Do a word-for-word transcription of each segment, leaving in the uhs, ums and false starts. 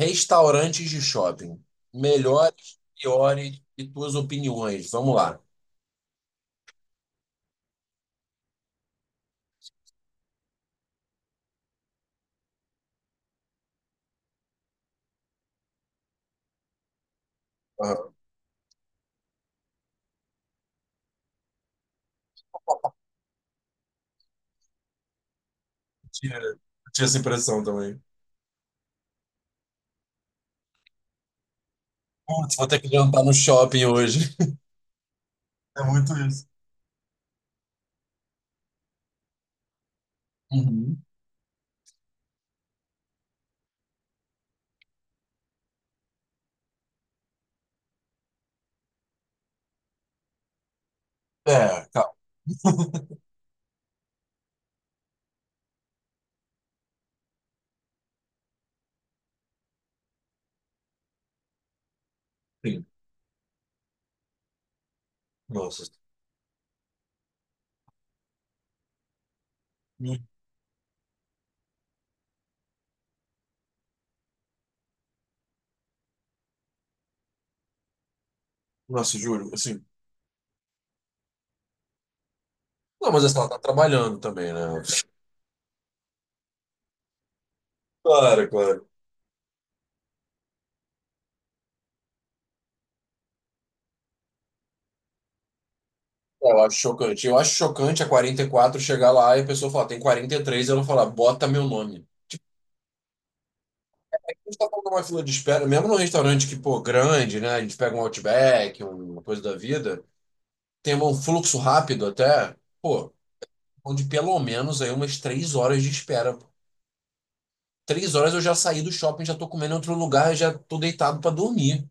Restaurantes de shopping. Melhores, piores e tuas opiniões. Vamos lá. Aham. Eu Tinha, eu tinha essa impressão também. Putz, vou ter que jantar no shopping hoje. É muito isso. Uhum. É, calma. Sim. Nossa. Hum. Nossa, juro. Assim. Não, mas assim, ela tá trabalhando também, né? Claro, claro. Eu acho chocante. Eu acho chocante a quarenta e quatro chegar lá e a pessoa falar, tem quarenta e três, e três, e ela falar, bota meu nome. A gente tá falando de uma fila de espera, mesmo num restaurante que, pô, grande, né? A gente pega um Outback, um uma coisa da vida, tem um fluxo rápido até, pô, onde pelo menos aí umas três horas de espera. Pô. Três horas eu já saí do shopping, já tô comendo em outro lugar, já tô deitado pra dormir.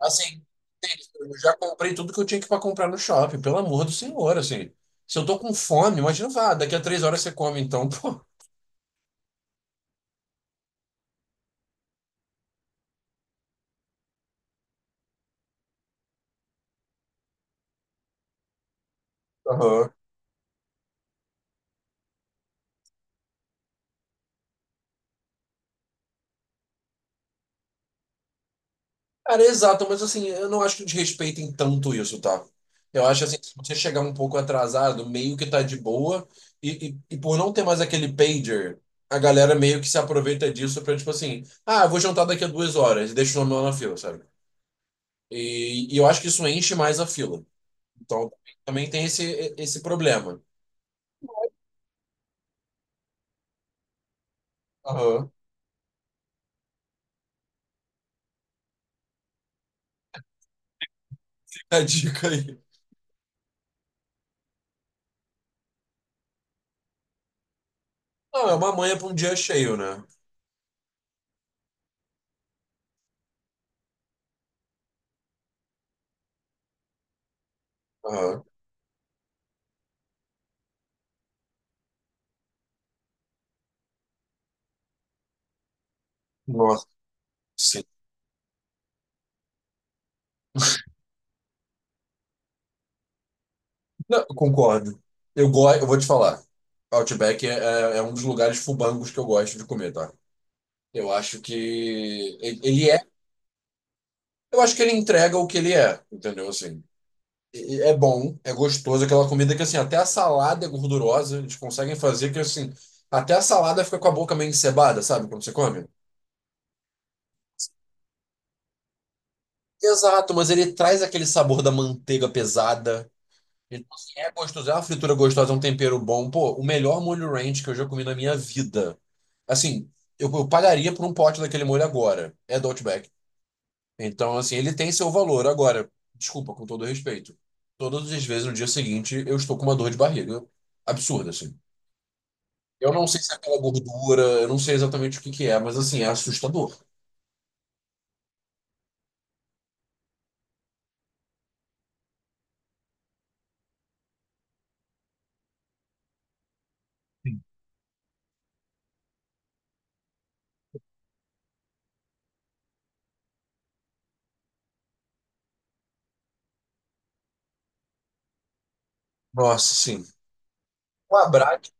Assim, eu já comprei tudo que eu tinha que para comprar no shopping, pelo amor do senhor, assim. Se eu tô com fome, imagina, vá, daqui a três horas você come, então, pô. Aham. Cara, exato, mas assim, eu não acho que desrespeitem tanto isso, tá? Eu acho assim, se você chegar um pouco atrasado, meio que tá de boa, e, e, e por não ter mais aquele pager, a galera meio que se aproveita disso pra, tipo assim, ah, eu vou jantar daqui a duas horas, e deixa o nome lá na fila, sabe? E, e eu acho que isso enche mais a fila. Então, também tem esse, esse problema. Aham. Fica a dica aí. Não, é uma manha pra um dia cheio, né? Aham. Nossa. Não, eu concordo. Eu gosto, eu vou te falar. Outback é, é- é um dos lugares fubangos que eu gosto de comer, tá? Eu acho que ele ele é, eu acho que ele entrega o que ele é, entendeu? Assim, E- e é bom, é gostoso, aquela comida que assim, até a salada é gordurosa, eles conseguem fazer que assim, até a salada fica com a boca meio encebada, sabe, quando você come? Exato, mas ele traz aquele sabor da manteiga pesada. Então, assim, é gostoso, é uma fritura gostosa, é um tempero bom. Pô, o melhor molho ranch que eu já comi na minha vida. Assim, eu, eu pagaria por um pote daquele molho agora. É do Outback. Então, assim, ele tem seu valor. Agora, desculpa, com todo respeito. Todas as vezes no dia seguinte eu estou com uma dor de barriga absurda, assim. Eu não sei se é pela gordura, eu não sei exatamente o que que é, mas assim, é assustador. Nossa, sim. O Abrat,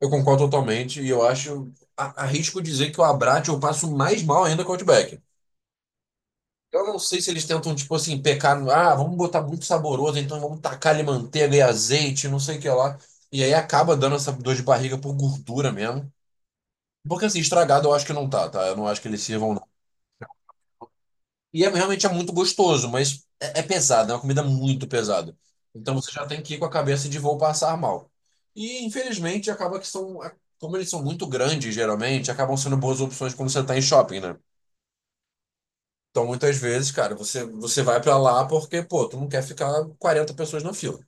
eu concordo totalmente e eu acho, a- arrisco dizer que o Abrat eu passo mais mal ainda que o Outback. Eu não sei se eles tentam, tipo assim, pecar no. Ah, vamos botar muito saboroso, então vamos tacar ali manteiga e azeite, não sei o que lá. E aí acaba dando essa dor de barriga por gordura mesmo. Porque assim, estragado eu acho que não tá, tá? Eu não acho que eles sirvam, não. E é, realmente é muito gostoso, mas é, é pesado, é uma comida muito pesada. Então você já tem que ir com a cabeça de vou passar mal. E infelizmente acaba que são. Como eles são muito grandes, geralmente, acabam sendo boas opções quando você tá em shopping, né? Então, muitas vezes, cara, você, você vai pra lá porque, pô, tu não quer ficar quarenta pessoas na fila.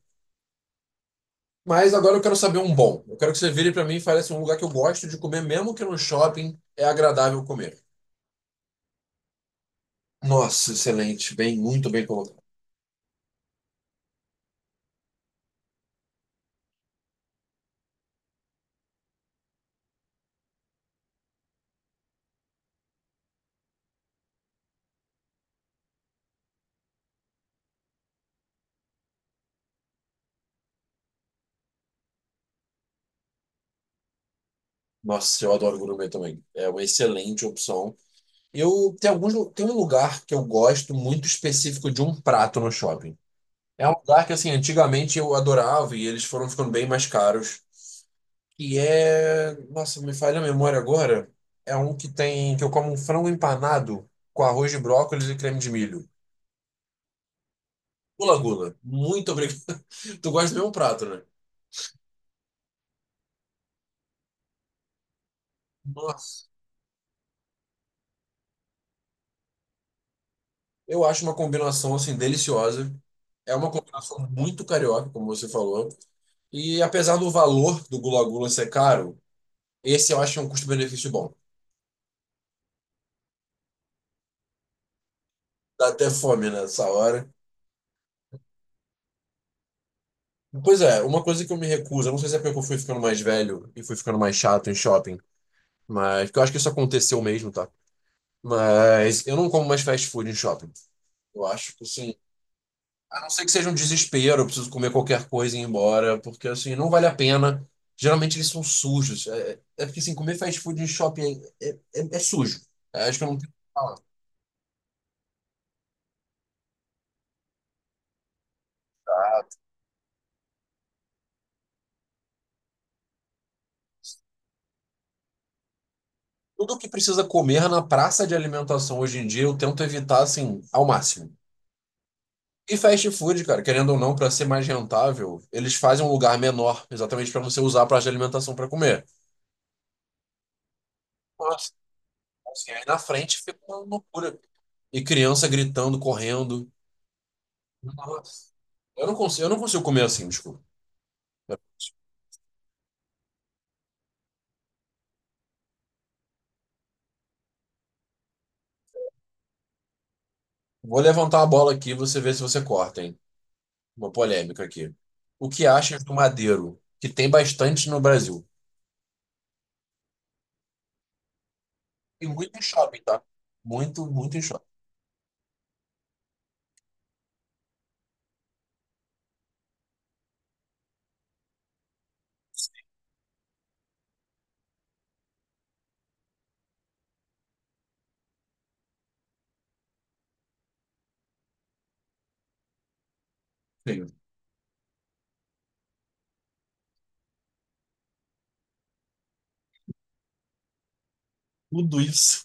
Mas agora eu quero saber um bom. Eu quero que você vire pra mim e fale assim, um lugar que eu gosto de comer, mesmo que no shopping, é agradável comer. Nossa, excelente. Bem, muito bem colocado. Nossa, eu adoro gourmet também. É uma excelente opção. Eu tem alguns lu- tem um lugar que eu gosto muito específico de um prato no shopping. É um lugar que assim, antigamente eu adorava e eles foram ficando bem mais caros. E é. Nossa, me falha a memória agora. É um que tem. Que eu como um frango empanado com arroz de brócolis e creme de milho. Gula Gula. Muito obrigado. Tu gosta do mesmo prato, né? Nossa. Eu acho uma combinação, assim, deliciosa. É uma combinação muito carioca, como você falou. E apesar do valor do Gula Gula ser caro, esse eu acho um custo-benefício bom. Dá até fome nessa hora. Pois é, uma coisa que eu me recuso, eu não sei se é porque eu fui ficando mais velho e fui ficando mais chato em shopping. Mas, porque eu acho que isso aconteceu mesmo, tá? Mas eu não como mais fast food em shopping. Eu acho que, assim, a não ser que seja um desespero, eu preciso comer qualquer coisa e ir embora, porque, assim, não vale a pena. Geralmente eles são sujos. É, é porque, assim, comer fast food em shopping é, é, é é sujo. É, acho que eu não tenho o que falar. Tudo que precisa comer na praça de alimentação hoje em dia, eu tento evitar, assim, ao máximo. E fast food, cara, querendo ou não, para ser mais rentável, eles fazem um lugar menor, exatamente para você usar a praça de alimentação para comer. Assim, aí na frente fica uma loucura. E criança gritando, correndo. Nossa. Eu não consigo, eu não consigo comer assim, desculpa. Vou levantar a bola aqui e você vê se você corta, hein? Uma polêmica aqui. O que achas do Madeiro? Que tem bastante no Brasil. E muito em shopping, tá? Muito, muito em shopping. Feio. Tudo isso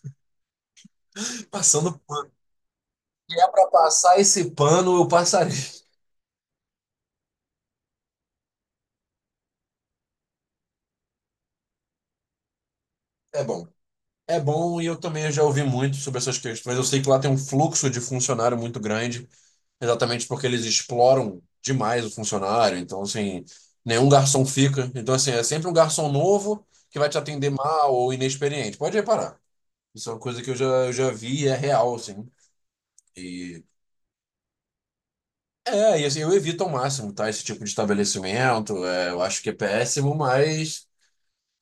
passando pano. Se é pra passar esse pano, eu passarei. É bom. É bom e eu também já ouvi muito sobre essas questões. Eu sei que lá tem um fluxo de funcionário muito grande. Exatamente porque eles exploram demais o funcionário. Então, assim, nenhum garçom fica. Então, assim, é sempre um garçom novo que vai te atender mal ou inexperiente. Pode reparar. Isso é uma coisa que eu já, eu já vi e é real, assim. E, é, e assim, eu evito ao máximo, tá? Esse tipo de estabelecimento. É, eu acho que é péssimo, mas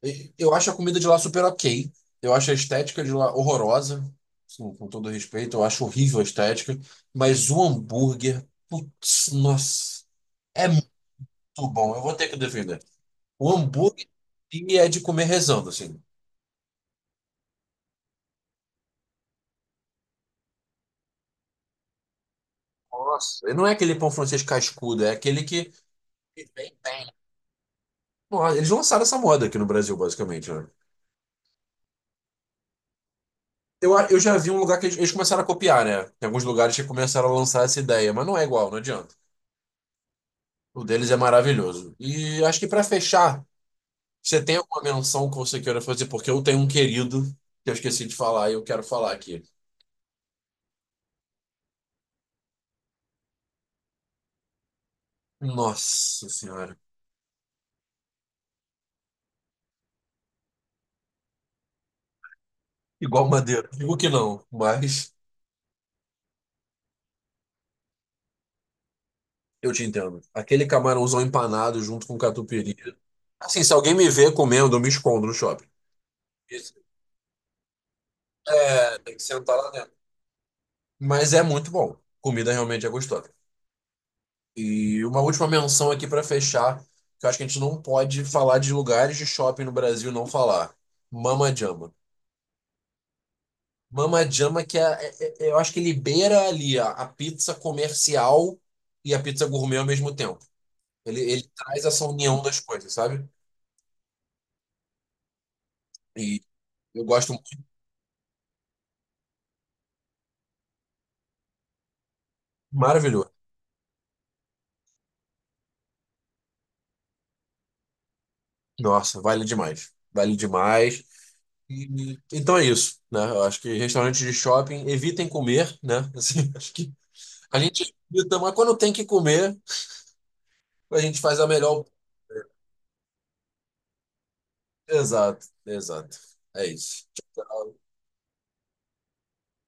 e- eu acho a comida de lá super ok. Eu acho a estética de lá horrorosa. Assim, com todo respeito, eu acho horrível a estética. Mas o hambúrguer, putz, nossa. É muito bom, eu vou ter que defender. O hambúrguer em si é de comer rezando, assim. Nossa, não é aquele pão francês cascudo, é aquele que. Nossa, eles lançaram essa moda aqui no Brasil, basicamente, né? Eu, eu já vi um lugar que eles, eles começaram a copiar, né? Tem alguns lugares que começaram a lançar essa ideia, mas não é igual, não adianta. O deles é maravilhoso. E acho que pra fechar, você tem alguma menção que você queira fazer? Porque eu tenho um querido que eu esqueci de falar e eu quero falar aqui. Nossa Senhora. Igual madeira. Digo que não, mas. Eu te entendo. Aquele camarãozão empanado junto com catupiry. Assim, se alguém me vê comendo, eu me escondo no shopping. Isso. É, tem que sentar lá dentro. Mas é muito bom. Comida realmente é gostosa. E uma última menção aqui para fechar, que eu acho que a gente não pode falar de lugares de shopping no Brasil e não falar. Mama Jama. Mama Jama que é, é- é- é, eu acho que ele beira ali a, a pizza comercial e a pizza gourmet ao mesmo tempo. Ele, ele traz essa união das coisas, sabe? E eu gosto muito. Maravilhoso. Nossa, vale demais. Vale demais. E- então é isso, né? Eu acho que restaurantes de shopping evitem comer, né? Assim, acho que a gente evita, mas quando tem que comer, a gente faz a melhor. Exato, exato. É isso.